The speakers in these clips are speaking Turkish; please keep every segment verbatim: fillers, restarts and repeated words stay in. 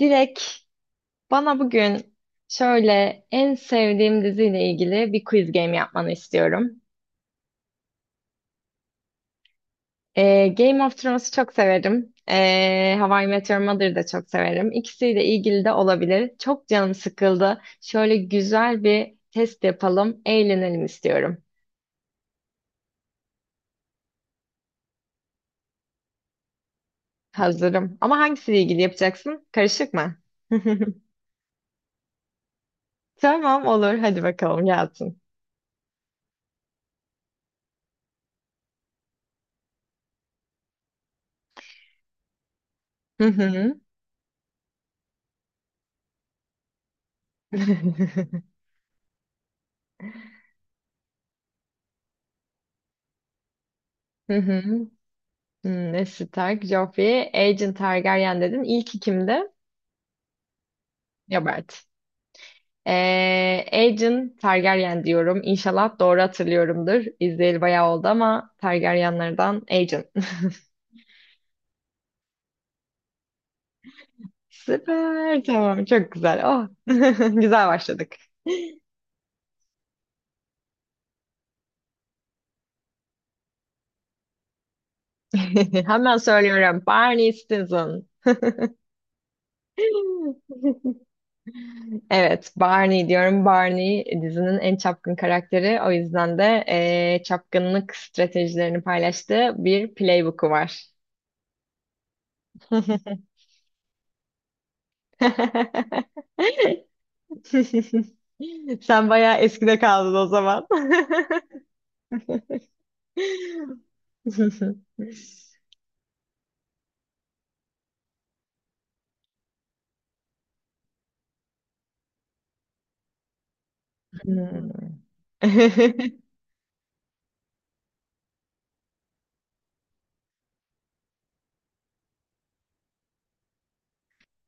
Direkt bana bugün şöyle en sevdiğim diziyle ilgili bir quiz game yapmanı istiyorum. Ee, Game of Thrones'u çok severim. Ee, How I Met Your Mother'ı da çok severim. İkisiyle ilgili de olabilir. Çok canım sıkıldı. Şöyle güzel bir test yapalım, eğlenelim istiyorum. Hazırım. Ama hangisiyle ilgili yapacaksın? Karışık mı? Tamam olur. Hadi bakalım gelsin. Hı hı. Hı hı. Hmm, ne Stark, Joffrey, Agent Targaryen dedin. İlk ikimdi. Robert. Ee, Agent Targaryen diyorum. İnşallah doğru hatırlıyorumdur. İzleyeli bayağı oldu ama Targaryenlerden Agent. Süper. Tamam. Çok güzel. Oh. Güzel başladık. Hemen söylüyorum. Barney Stinson. Evet, Barney diyorum. Barney dizinin en çapkın karakteri. O yüzden de eee, çapkınlık stratejilerini paylaştığı bir playbook'u var. Sen bayağı eskide kaldın o zaman. Hmm.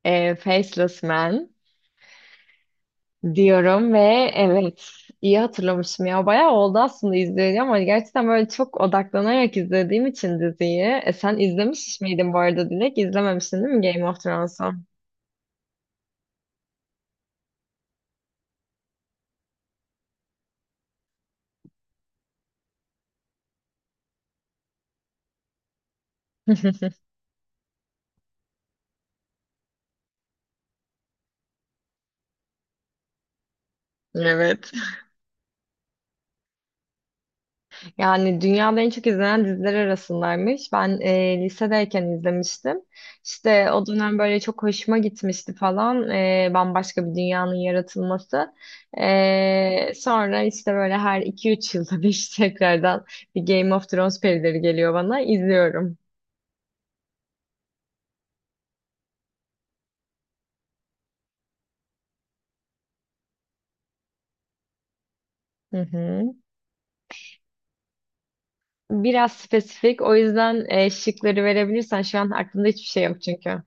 Eee, Faceless Man, diyorum ve evet iyi hatırlamışım ya. Bayağı oldu aslında izleyeli ama gerçekten böyle çok odaklanarak izlediğim için diziyi. E, sen izlemiş miydin bu arada Dilek? İzlememişsin değil mi Game of Thrones'u? Evet. Yani dünyada en çok izlenen diziler arasındaymış. Ben e, lisedeyken izlemiştim. İşte o dönem böyle çok hoşuma gitmişti falan. E, bambaşka bir dünyanın yaratılması. E, sonra işte böyle her iki üç yılda bir tekrardan bir Game of Thrones perileri geliyor bana. İzliyorum. Hı hı. Biraz spesifik. O yüzden e, şıkları verebilirsen şu an aklımda hiçbir şey yok çünkü.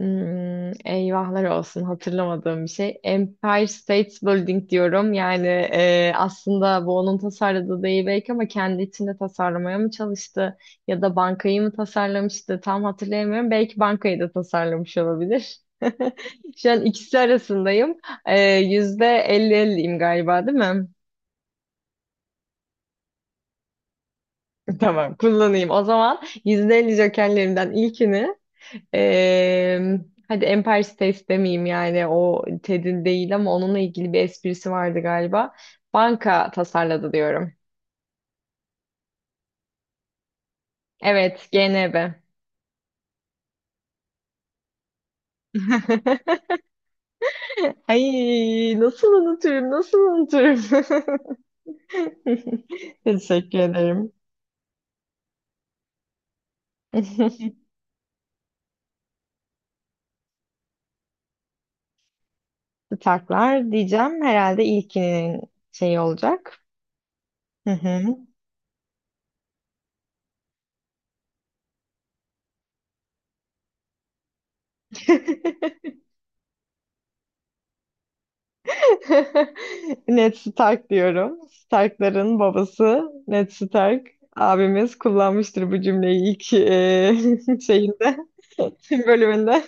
Hmm, eyvahlar olsun hatırlamadığım bir şey. Empire State Building diyorum. Yani e, aslında bu onun tasarladığı değil belki ama kendi içinde tasarlamaya mı çalıştı ya da bankayı mı tasarlamıştı tam hatırlayamıyorum. Belki bankayı da tasarlamış olabilir. Şu an ikisi arasındayım. E, yüzde elli elliyim galiba değil mi? Tamam kullanayım. O zaman yüzde elli jokerlerimden ilkini Ee, hadi Empire State demeyeyim yani o Ted'in değil ama onunla ilgili bir esprisi vardı galiba. Banka tasarladı diyorum. Evet, G N B. Ay nasıl unuturum, nasıl unuturum. Teşekkür ederim. Taklar diyeceğim herhalde ilkinin şeyi olacak. Hı hı. Ned Stark diyorum. Stark'ların babası Ned Stark. Abimiz kullanmıştır bu cümleyi ilk e, şeyinde, bölümünde.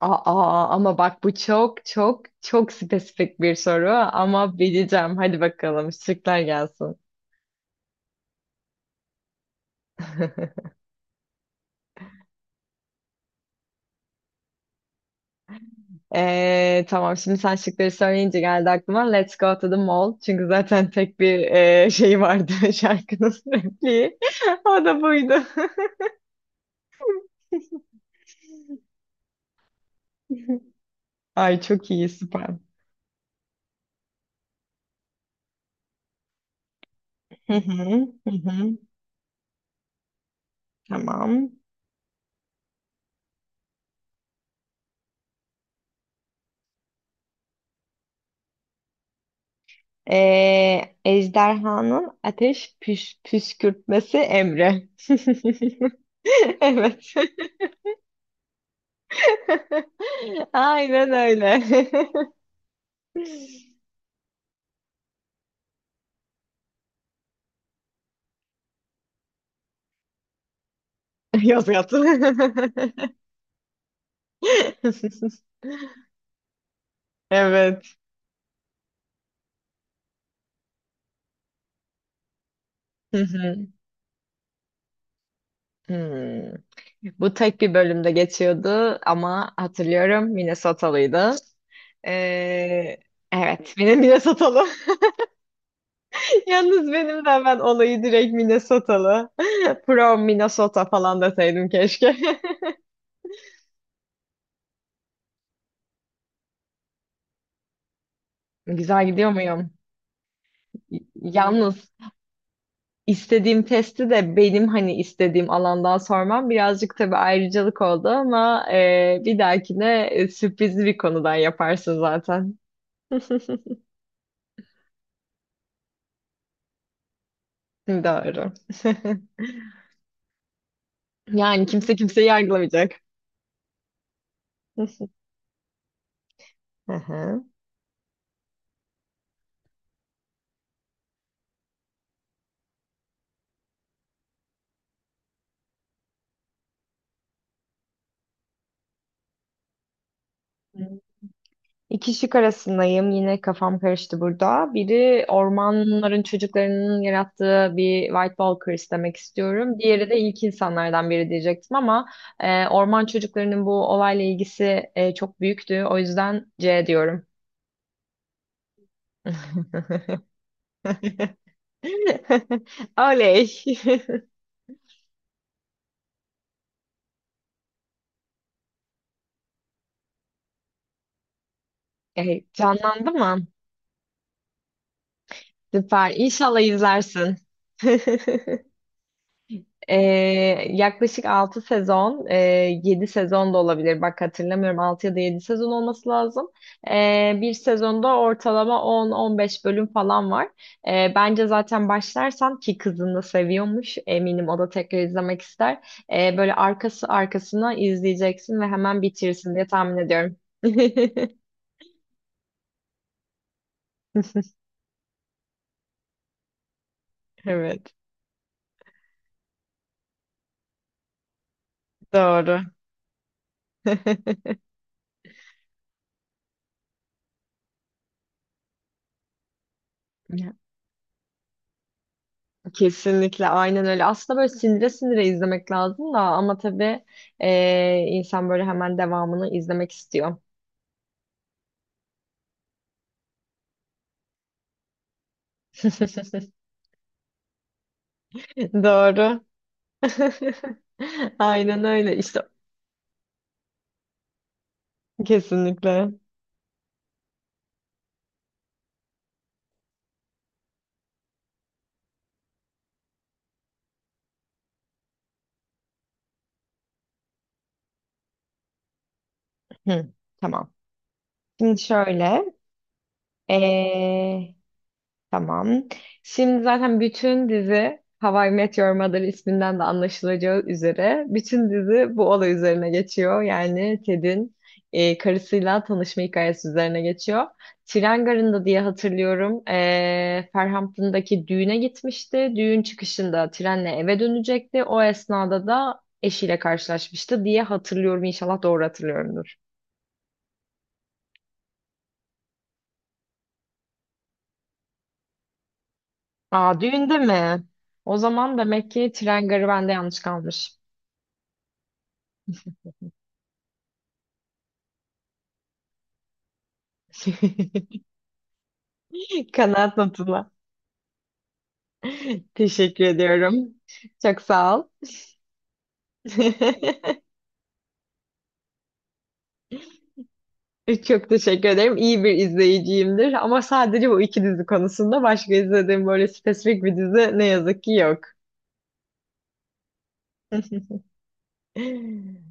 Aa, ama bak bu çok çok çok spesifik bir soru ama bileceğim. Hadi bakalım şıklar gelsin. Ee, tamam şimdi sen şıkları söyleyince geldi aklıma Let's Go to the Mall. Çünkü zaten tek bir e, şey vardı şarkının repliği. O da buydu. Ay çok iyi süper. Hı hı, hı hı. Tamam. Ee, ejderhanın ateş püs püskürtmesi emri. Evet. Aynen öyle. Yaz yat. Evet. Hı hı. Hmm. Bu tek bir bölümde geçiyordu ama hatırlıyorum Minnesotalıydı. Ee, evet, benim Minnesotalı. Yalnız benim de hemen olayı direkt Minnesotalı. From Minnesota falan deseydim keşke. Güzel gidiyor muyum? Y- Yalnız istediğim testi de benim hani istediğim alandan sormam birazcık tabii ayrıcalık oldu ama e, bir dahakine e, sürprizli bir konudan yaparsın zaten. Doğru. Yani kimse kimseyi yargılamayacak. Hı hı. İki şık arasındayım. Yine kafam karıştı burada. Biri ormanların çocuklarının yarattığı bir White Walkers demek istiyorum. Diğeri de ilk insanlardan biri diyecektim ama e, orman çocuklarının bu olayla ilgisi e, çok büyüktü. O yüzden C diyorum. Oley. E, canlandı mı? Süper. İnşallah izlersin. Ee, yaklaşık altı sezon, e, yedi sezon da olabilir. Bak hatırlamıyorum altı ya da yedi sezon olması lazım. Ee, bir sezonda ortalama on on beş bölüm falan var. Ee, bence zaten başlarsan ki kızını da seviyormuş. Eminim o da tekrar izlemek ister. Ee, böyle arkası arkasına izleyeceksin ve hemen bitirsin diye tahmin ediyorum. Evet, doğru. Kesinlikle aynen öyle. Aslında böyle sindire sindire izlemek lazım da ama tabii e, insan böyle hemen devamını izlemek istiyor. Doğru. Aynen öyle işte kesinlikle. Hı, tamam. Şimdi şöyle. Tamam. Şimdi zaten bütün dizi How I Met Your Mother isminden de anlaşılacağı üzere bütün dizi bu olay üzerine geçiyor. Yani Ted'in e, karısıyla tanışma hikayesi üzerine geçiyor. Tren garında diye hatırlıyorum. E, Farhampton'daki düğüne gitmişti. Düğün çıkışında trenle eve dönecekti. O esnada da eşiyle karşılaşmıştı diye hatırlıyorum. İnşallah doğru hatırlıyorumdur. Aa, düğünde mi? O zaman demek ki tren garı bende yanlış kalmış. Kanaat notuna. Teşekkür ediyorum. Çok sağ ol. Çok teşekkür ederim. İyi bir izleyiciyimdir. Ama sadece bu iki dizi konusunda başka izlediğim böyle spesifik bir dizi ne yazık ki yok.